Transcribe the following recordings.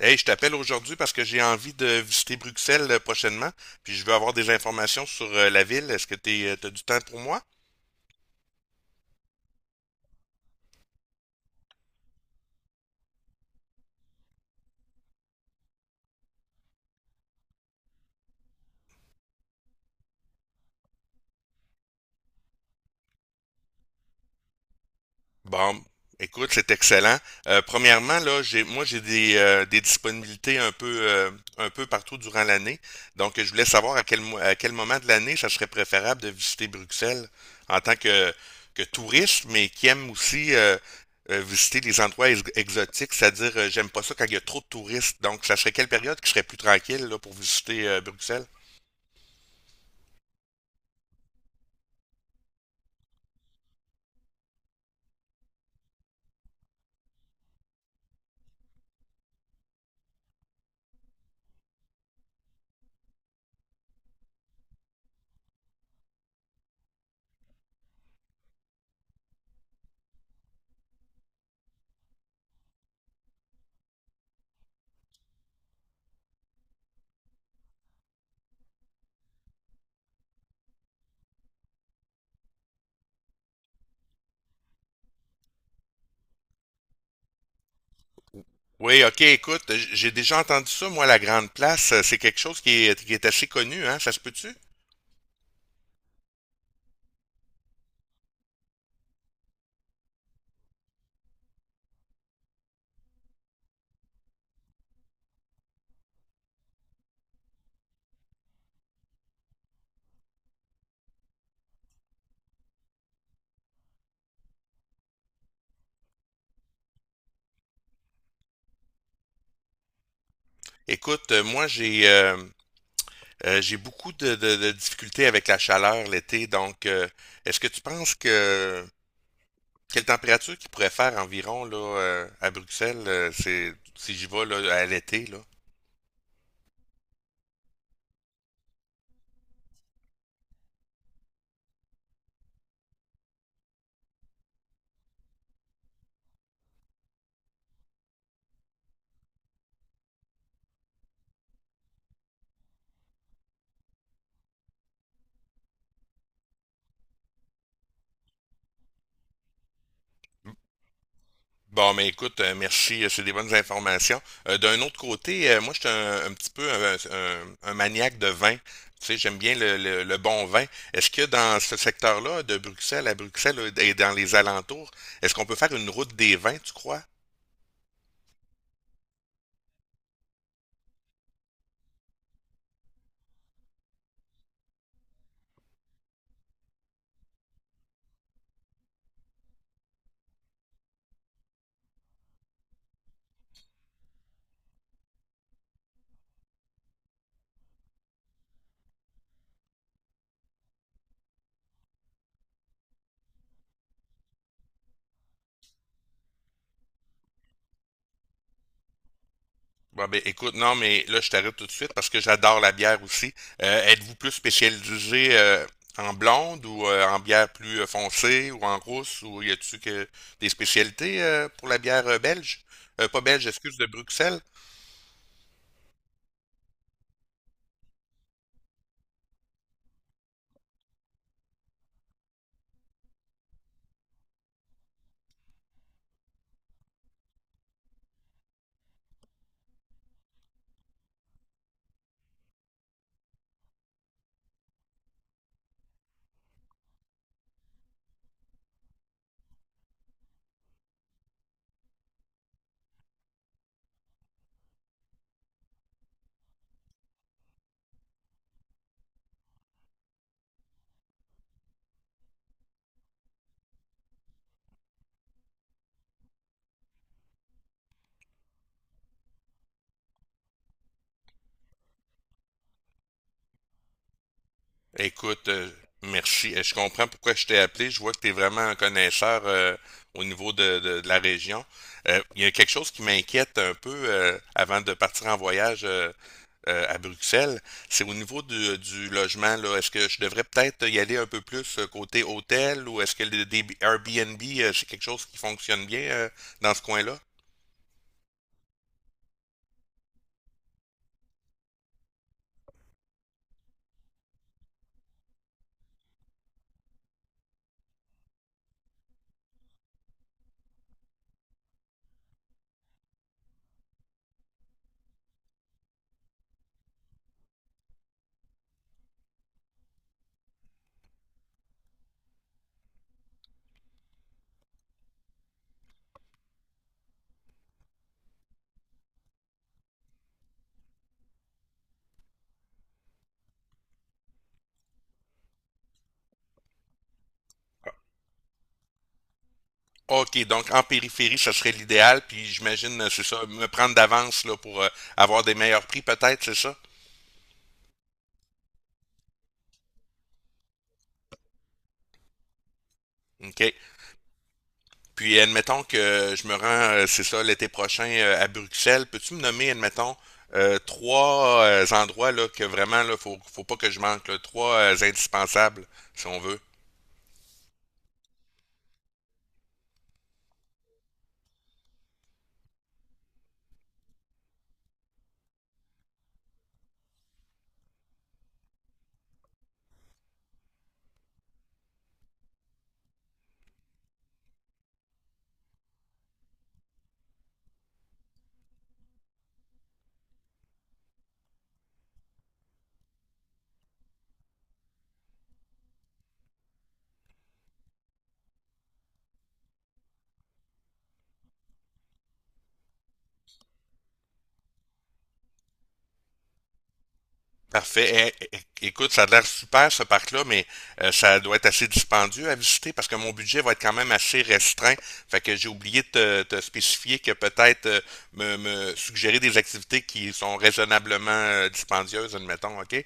Hey, je t'appelle aujourd'hui parce que j'ai envie de visiter Bruxelles prochainement, puis je veux avoir des informations sur la ville. Est-ce que tu as du temps pour moi? Bon, écoute, c'est excellent. Premièrement, là, moi, j'ai des disponibilités un peu partout durant l'année. Donc, je voulais savoir à à quel moment de l'année ça serait préférable de visiter Bruxelles en tant que touriste, mais qui aime aussi visiter des endroits exotiques, c'est-à-dire, j'aime pas ça quand il y a trop de touristes. Donc, ça serait quelle période qui serait plus tranquille là, pour visiter Bruxelles? Oui, ok, écoute, j'ai déjà entendu ça, moi, la Grande Place, c'est quelque chose qui est assez connu, hein, ça se peut-tu? Écoute, moi j'ai beaucoup de difficultés avec la chaleur l'été, donc est-ce que tu penses que quelle température qu'il pourrait faire environ là à Bruxelles, c'est si j'y vais là, à l'été là? Bon, mais écoute, merci, c'est des bonnes informations. D'un autre côté, moi, je suis un petit peu un maniaque de vin. Tu sais, j'aime bien le bon vin. Est-ce que dans ce secteur-là, de Bruxelles à Bruxelles et dans les alentours, est-ce qu'on peut faire une route des vins, tu crois? Bon, ben, écoute, non, mais là, je t'arrête tout de suite parce que j'adore la bière aussi. Êtes-vous plus spécialisé en blonde ou en bière plus foncée ou en rousse ou y a-t-il que des spécialités pour la bière belge? Pas belge, excuse, de Bruxelles? Écoute, merci. Je comprends pourquoi je t'ai appelé. Je vois que tu es vraiment un connaisseur au niveau de la région. Il y a quelque chose qui m'inquiète un peu avant de partir en voyage à Bruxelles. C'est au niveau du logement, là. Est-ce que je devrais peut-être y aller un peu plus côté hôtel ou est-ce que le des Airbnb, c'est quelque chose qui fonctionne bien dans ce coin-là? OK, donc en périphérie, ça serait l'idéal, puis j'imagine, c'est ça, me prendre d'avance là pour avoir des meilleurs prix peut-être, c'est ça? OK. Puis admettons que je me rends, c'est ça, l'été prochain à Bruxelles. Peux-tu me nommer, admettons, trois endroits là, que vraiment là, faut pas que je manque, là, trois indispensables, si on veut. Parfait. Eh, eh, eh, écoute, ça a l'air super ce parc-là, mais ça doit être assez dispendieux à visiter parce que mon budget va être quand même assez restreint. Fait que j'ai oublié de te spécifier que peut-être me suggérer des activités qui sont raisonnablement dispendieuses, admettons, OK?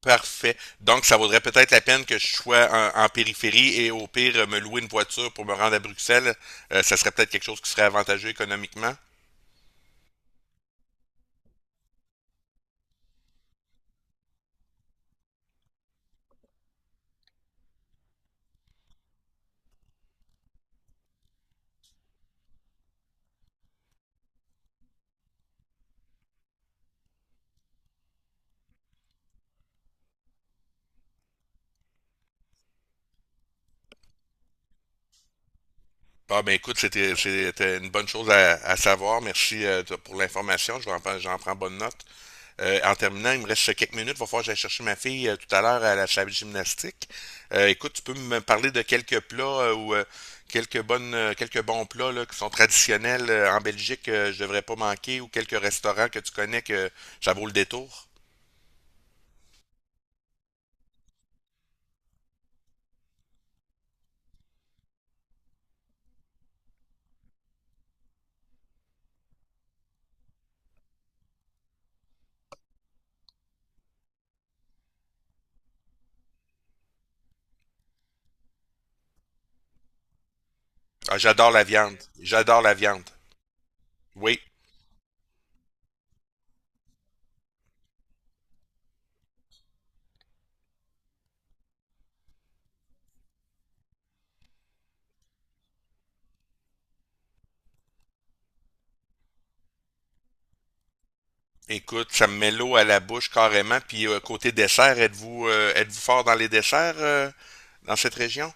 Parfait. Donc, ça vaudrait peut-être la peine que je sois en périphérie et au pire me louer une voiture pour me rendre à Bruxelles. Ça serait peut-être quelque chose qui serait avantageux économiquement. Ah ben écoute, c'était une bonne chose à savoir. Merci pour l'information. Je vais en prendre. J'en prends bonne note. En terminant, il me reste quelques minutes. Il va falloir que j'aille chercher ma fille tout à l'heure à la salle de gymnastique. Écoute, tu peux me parler de quelques plats ou quelques quelques bons plats là, qui sont traditionnels en Belgique, que je devrais pas manquer, ou quelques restaurants que tu connais que ça vaut le détour. Ah, j'adore la viande. J'adore la viande. Oui. Écoute, ça me met l'eau à la bouche carrément. Puis côté dessert, êtes-vous fort dans les desserts dans cette région?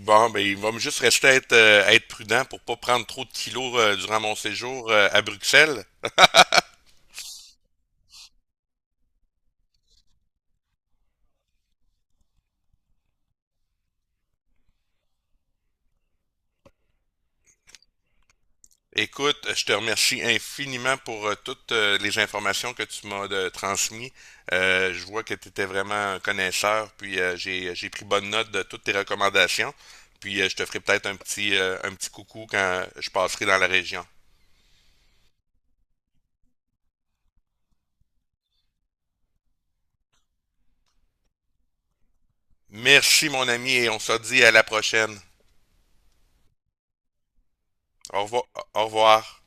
Bon, ben il va me juste rester à à être prudent pour pas prendre trop de kilos durant mon séjour à Bruxelles. Écoute, je te remercie infiniment pour toutes les informations que tu m'as transmises. Je vois que tu étais vraiment un connaisseur, puis j'ai pris bonne note de toutes tes recommandations. Puis je te ferai peut-être un petit coucou quand je passerai dans la région. Merci, mon ami, et on se dit à la prochaine. Au revoir. Au revoir.